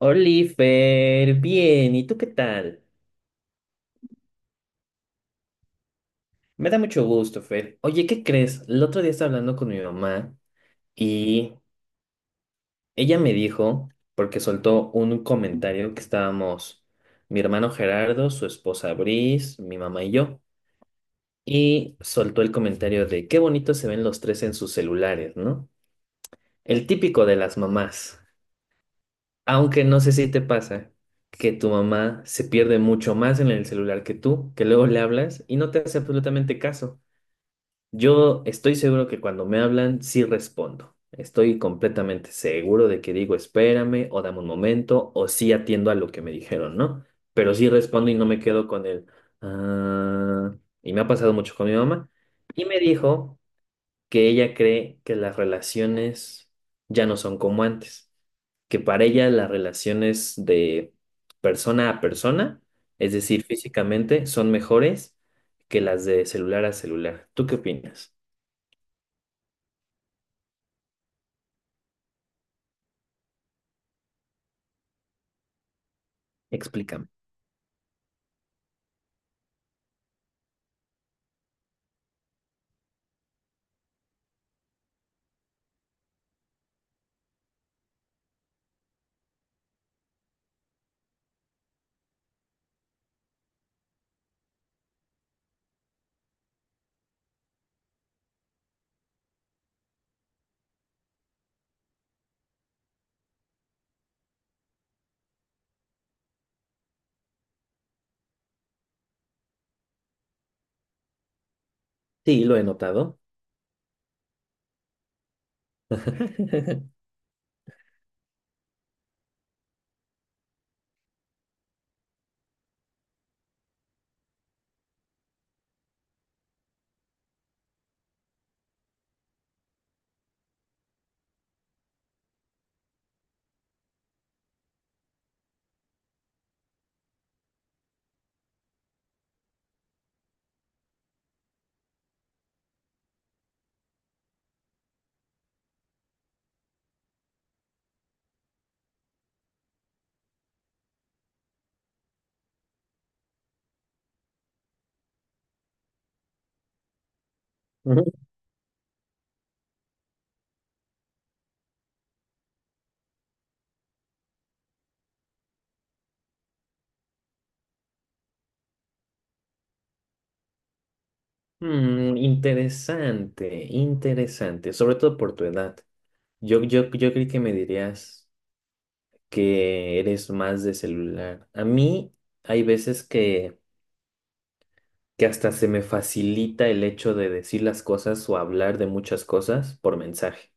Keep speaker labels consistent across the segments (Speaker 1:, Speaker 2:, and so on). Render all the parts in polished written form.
Speaker 1: Oliver, bien, ¿y tú qué tal? Me da mucho gusto, Fer. Oye, ¿qué crees? El otro día estaba hablando con mi mamá y ella me dijo, porque soltó un comentario que estábamos mi hermano Gerardo, su esposa Brice, mi mamá y yo, y soltó el comentario de qué bonito se ven los tres en sus celulares, ¿no? El típico de las mamás. Aunque no sé si te pasa que tu mamá se pierde mucho más en el celular que tú, que luego le hablas y no te hace absolutamente caso. Yo estoy seguro que cuando me hablan sí respondo. Estoy completamente seguro de que digo espérame o dame un momento o sí atiendo a lo que me dijeron, ¿no? Pero sí respondo y no me quedo con el ah. Y me ha pasado mucho con mi mamá. Y me dijo que ella cree que las relaciones ya no son como antes, que para ella las relaciones de persona a persona, es decir, físicamente, son mejores que las de celular a celular. ¿Tú qué opinas? Explícame. Sí, lo he notado. Ujú. Mm, interesante, interesante, sobre todo por tu edad. Yo creí que me dirías que eres más de celular. A mí hay veces que hasta se me facilita el hecho de decir las cosas o hablar de muchas cosas por mensaje.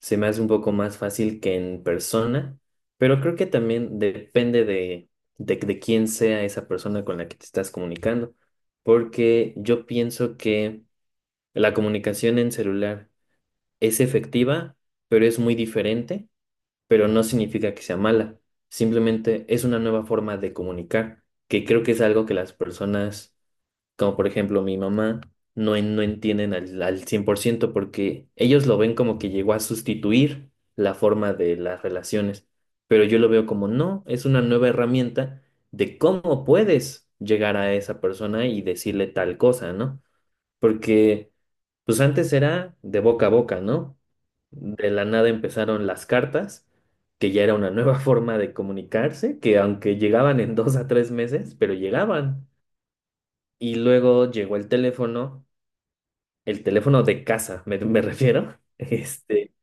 Speaker 1: Se me hace un poco más fácil que en persona, pero creo que también depende de quién sea esa persona con la que te estás comunicando, porque yo pienso que la comunicación en celular es efectiva, pero es muy diferente, pero no significa que sea mala, simplemente es una nueva forma de comunicar, que creo que es algo que las personas como por ejemplo mi mamá, no, no entienden al 100% porque ellos lo ven como que llegó a sustituir la forma de las relaciones, pero yo lo veo como no, es una nueva herramienta de cómo puedes llegar a esa persona y decirle tal cosa, ¿no? Porque pues antes era de boca a boca, ¿no? De la nada empezaron las cartas, que ya era una nueva forma de comunicarse, que aunque llegaban en dos a tres meses, pero llegaban. Y luego llegó el teléfono de casa, me refiero,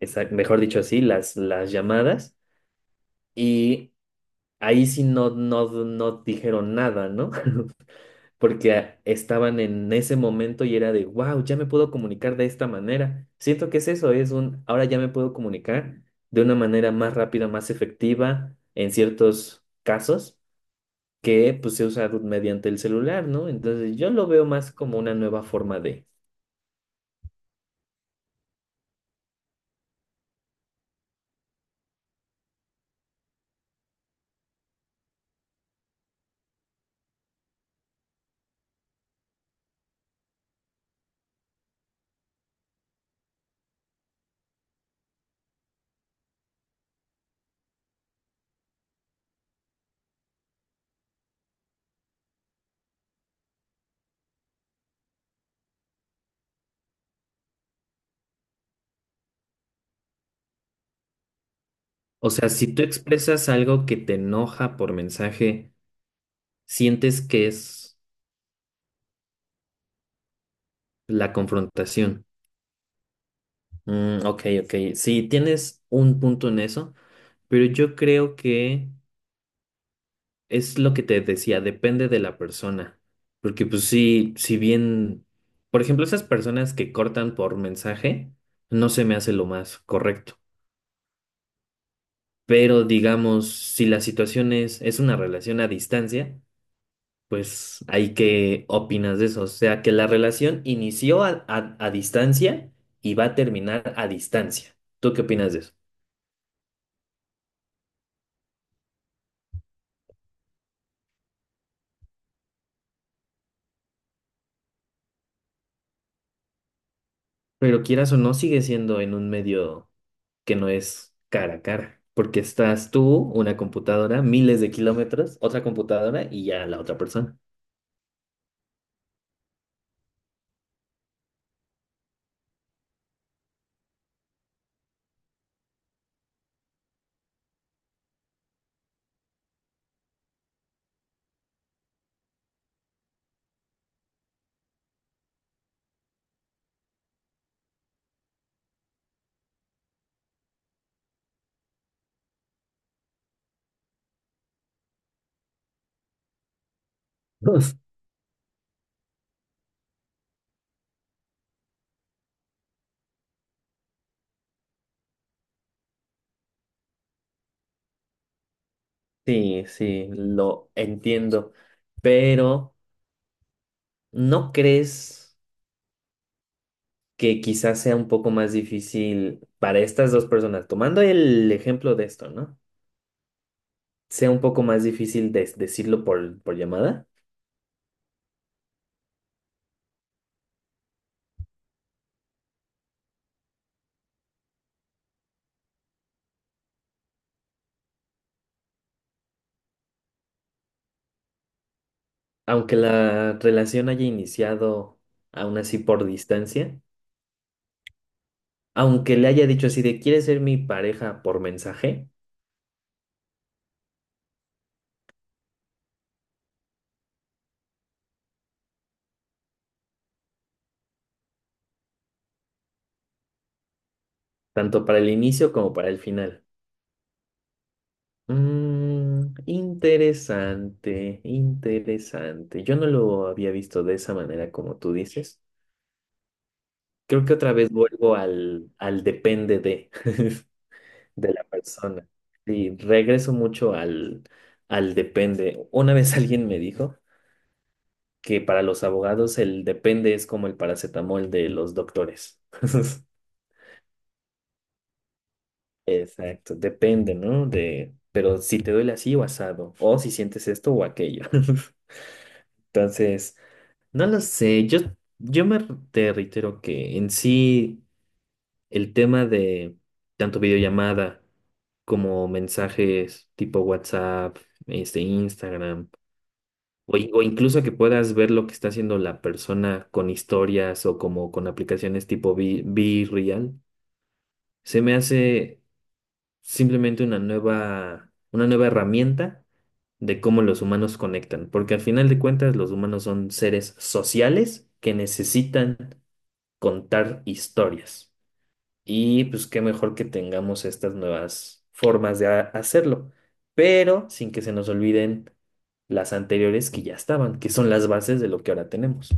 Speaker 1: mejor dicho así, las llamadas. Y ahí sí no dijeron nada, ¿no? Porque estaban en ese momento y era de, wow, ya me puedo comunicar de esta manera. Siento que es eso, ahora ya me puedo comunicar de una manera más rápida, más efectiva en ciertos casos que pues, se usa mediante el celular, ¿no? Entonces yo lo veo más como una nueva forma. O sea, si tú expresas algo que te enoja por mensaje, sientes que es la confrontación. Mm, ok, ok. Sí, tienes un punto en eso, pero yo creo que es lo que te decía, depende de la persona. Porque pues sí, si bien, por ejemplo, esas personas que cortan por mensaje, no se me hace lo más correcto. Pero digamos, si la situación es una relación a distancia. Pues, ¿ahí qué opinas de eso? O sea, que la relación inició a distancia y va a terminar a distancia. ¿Tú qué opinas de eso? Pero quieras o no, sigue siendo en un medio que no es cara a cara, porque estás tú, una computadora, miles de kilómetros, otra computadora y ya la otra persona. Pues, sí, sí, lo entiendo, pero ¿no crees que quizás sea un poco más difícil para estas dos personas? Tomando el ejemplo de esto, ¿no? Sea un poco más difícil decirlo por llamada, aunque la relación haya iniciado aún así por distancia, aunque le haya dicho así de quieres ser mi pareja por mensaje, tanto para el inicio como para el final. Mm, interesante, interesante. Yo no lo había visto de esa manera como tú dices. Creo que otra vez vuelvo al depende de, de la persona. Y regreso mucho al depende. Una vez alguien me dijo que para los abogados el depende es como el paracetamol de los doctores. Exacto, depende, ¿no? De, pero si te duele así o asado, o si sientes esto o aquello. Entonces, no lo sé, yo te reitero que en sí el tema de tanto videollamada como mensajes tipo WhatsApp, Instagram. O, incluso que puedas ver lo que está haciendo la persona con historias o como con aplicaciones tipo Be Real, se me hace simplemente una nueva herramienta de cómo los humanos conectan, porque al final de cuentas los humanos son seres sociales que necesitan contar historias. Y pues qué mejor que tengamos estas nuevas formas de hacerlo, pero sin que se nos olviden las anteriores que ya estaban, que son las bases de lo que ahora tenemos.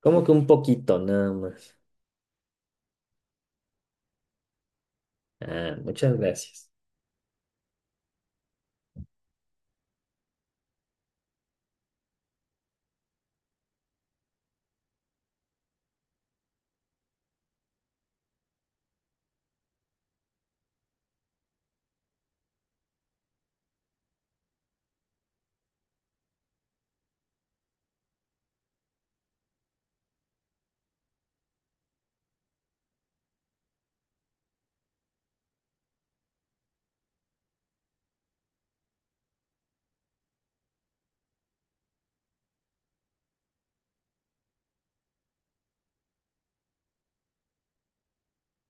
Speaker 1: Como que un poquito nada más. Ah, muchas gracias.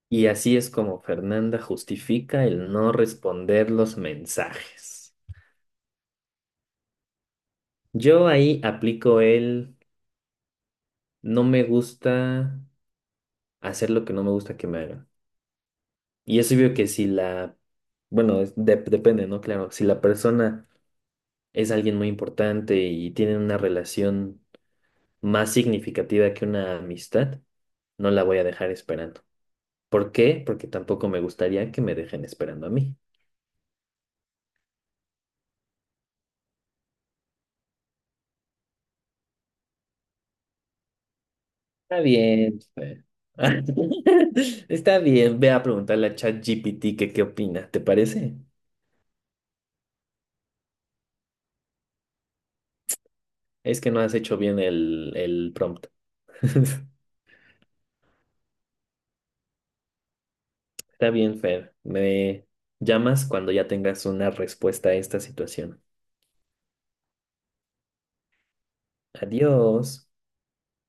Speaker 1: Y así es como Fernanda justifica el no responder los mensajes. Yo ahí aplico el no me gusta hacer lo que no me gusta que me hagan. Y es obvio que si la, bueno, depende, ¿no? Claro, si la persona es alguien muy importante y tienen una relación más significativa que una amistad, no la voy a dejar esperando. ¿Por qué? Porque tampoco me gustaría que me dejen esperando a mí. Está bien. Está bien, ve a preguntarle a ChatGPT que qué opina, ¿te parece? Es que no has hecho bien el prompt. Está bien, Fer. Me llamas cuando ya tengas una respuesta a esta situación. Adiós.